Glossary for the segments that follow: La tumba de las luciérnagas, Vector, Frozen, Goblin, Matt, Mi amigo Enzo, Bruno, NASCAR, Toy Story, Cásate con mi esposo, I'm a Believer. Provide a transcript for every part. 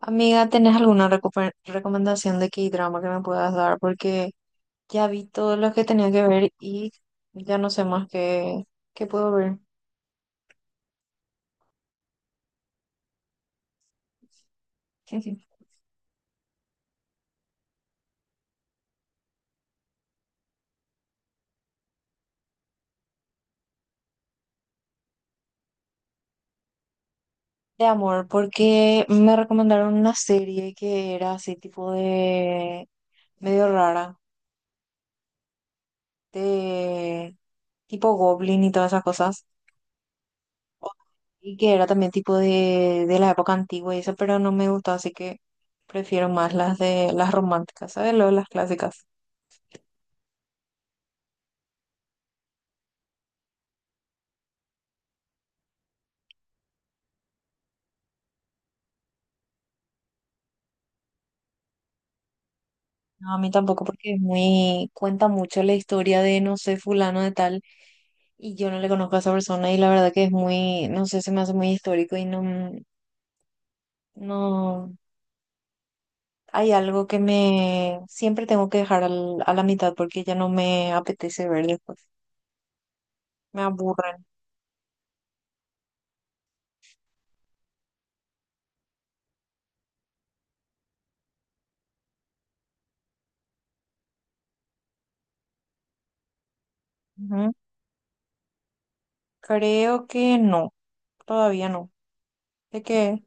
Amiga, ¿tenés alguna recomendación de K-drama que me puedas dar? Porque ya vi todos los que tenía que ver y ya no sé más qué puedo ver. De amor, porque me recomendaron una serie que era así tipo de medio rara, de tipo Goblin y todas esas cosas, y que era también tipo de la época antigua y eso, pero no me gustó, así que prefiero más las de las románticas, ¿sabes? Lo de las clásicas. No, a mí tampoco, porque es muy, cuenta mucho la historia de, no sé, fulano de tal, y yo no le conozco a esa persona, y la verdad que es muy, no sé, se me hace muy histórico y no, hay algo que me, siempre tengo que dejar a la mitad porque ya no me apetece ver después, me aburren. Ujú. Creo que no, todavía no. ¿De qué?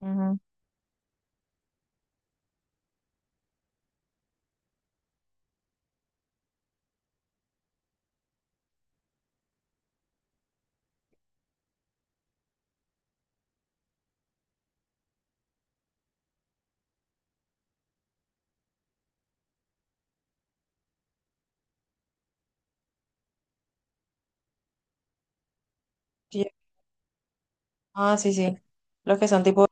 Ujú. Ya- Ah, sí, sí, los que son tipo...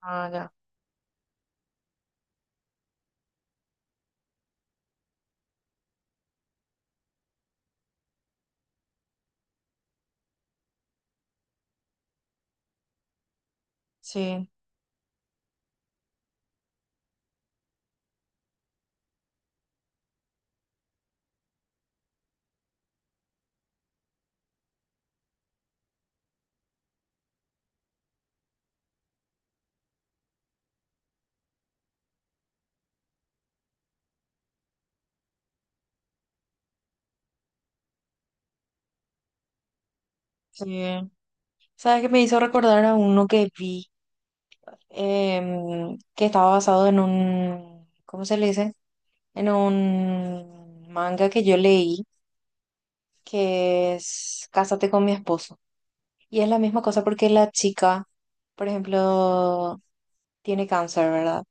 Ah, ya, sí, sí. ¿Sabes qué me hizo recordar a uno que vi? Que estaba basado en un, ¿cómo se le dice? En un manga que yo leí, que es Cásate con mi esposo. Y es la misma cosa porque la chica, por ejemplo, tiene cáncer, ¿verdad?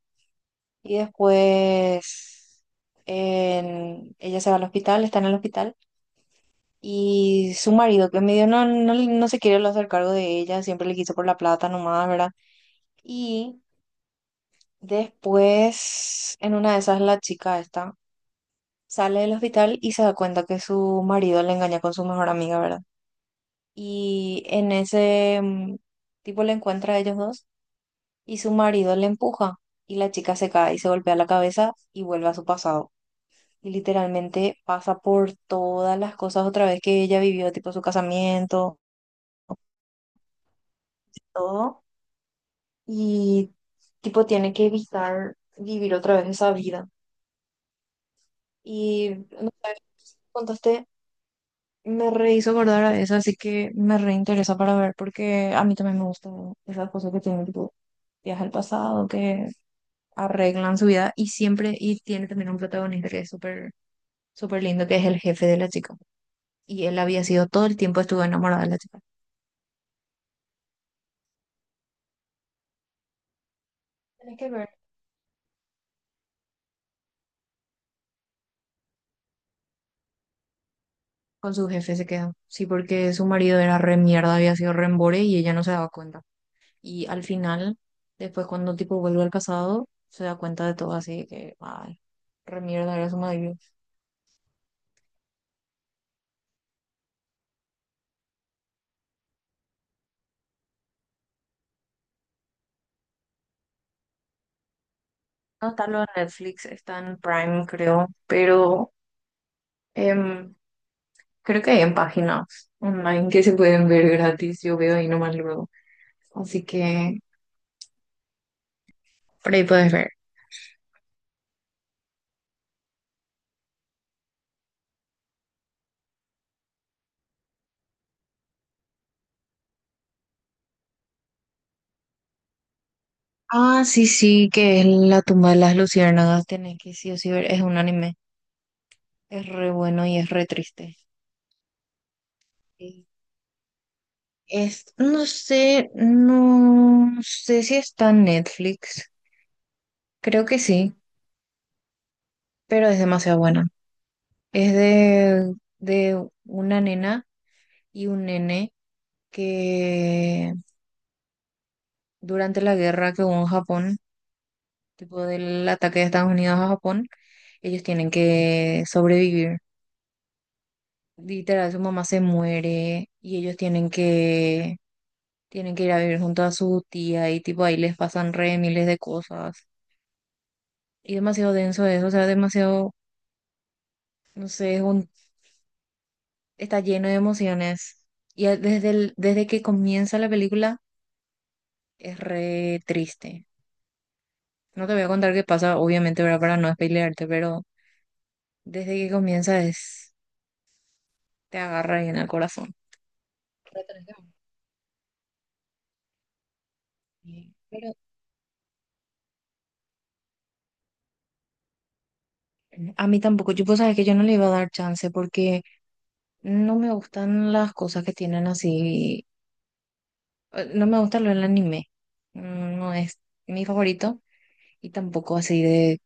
Y después ella se va al hospital, está en el hospital. Y su marido, que medio no se quiere hacer cargo de ella, siempre le quiso por la plata nomás, ¿verdad? Y después, en una de esas, la chica esta sale del hospital y se da cuenta que su marido le engaña con su mejor amiga, ¿verdad? Y en ese, tipo le encuentra a ellos dos y su marido le empuja y la chica se cae y se golpea la cabeza y vuelve a su pasado. Y literalmente pasa por todas las cosas otra vez que ella vivió, tipo su casamiento, todo. Y tipo tiene que evitar vivir otra vez esa vida. Y no sé, contaste. Me re hizo acordar a eso, así que me reinteresa para ver, porque a mí también me gustan esas cosas que tienen tipo viajes al pasado, que arreglan su vida y siempre, y tiene también un protagonista que es súper, súper lindo, que es el jefe de la chica. Y él había sido todo el tiempo estuvo enamorado de la chica. Tenés que ver. Con su jefe se quedó. Sí, porque su marido era re mierda, había sido re embore y ella no se daba cuenta. Y al final, después cuando tipo vuelve al pasado, se da cuenta de todo así que, ay, re mierda era su marido. No está lo en Netflix, está en Prime, creo, pero em, creo que hay en páginas online que se pueden ver gratis. Yo veo ahí nomás luego. Así que por ahí puedes ver. Ah, sí, sí, que es La tumba de las luciérnagas. Tenés que sí o sí ver. Es un anime. Es re bueno y es re triste. Sí. Es, no sé, no sé si está en Netflix. Creo que sí, pero es demasiado buena. Es de una nena y un nene que durante la guerra que hubo en Japón, tipo del ataque de Estados Unidos a Japón, ellos tienen que sobrevivir. Literal, su mamá se muere y ellos tienen que ir a vivir junto a su tía y tipo ahí les pasan re miles de cosas. Y demasiado denso eso, o sea, demasiado, no sé, es un, está lleno de emociones. Y desde el, desde que comienza la película es re triste. No te voy a contar qué pasa, obviamente, ¿verdad? Para no spoilearte, pero desde que comienza es, te agarra ahí en el corazón. Pero tenés que ver. Sí. Pero a mí tampoco, yo pues sabes que yo no le iba a dar chance porque no me gustan las cosas que tienen así, no me gusta lo del anime, no es mi favorito y tampoco así de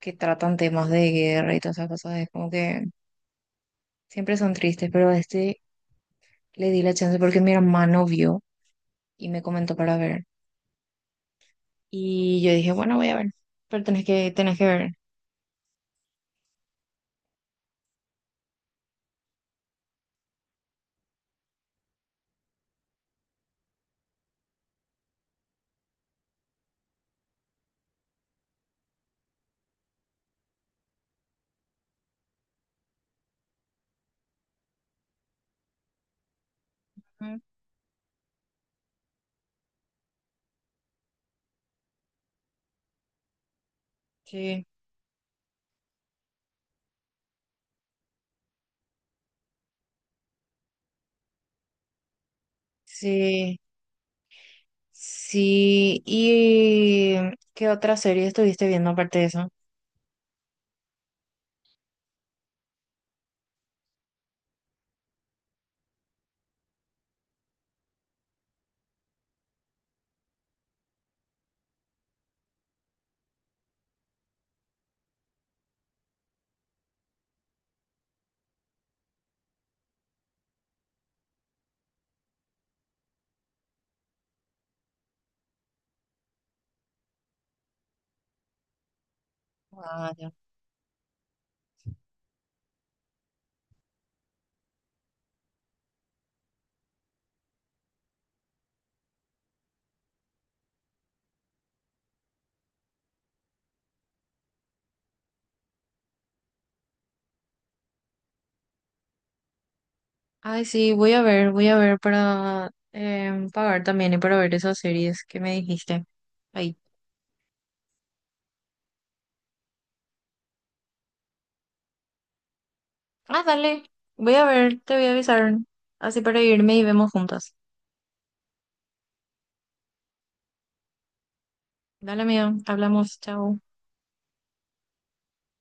que tratan temas de guerra y todas esas cosas, es como que siempre son tristes, pero a este le di la chance porque mi hermano vio y me comentó para ver y yo dije, bueno, voy a ver, pero tenés que ver. Ujú. Sí, sí, sí. ¿Y qué otra serie estuviste viendo aparte de eso? Ah, ya. Ay, sí, voy a ver para pagar también y para ver esas series que me dijiste. Ahí. Ah, dale. Voy a ver, te voy a avisar. Así para irme y vemos juntas. Dale, amigo. Hablamos. Chao.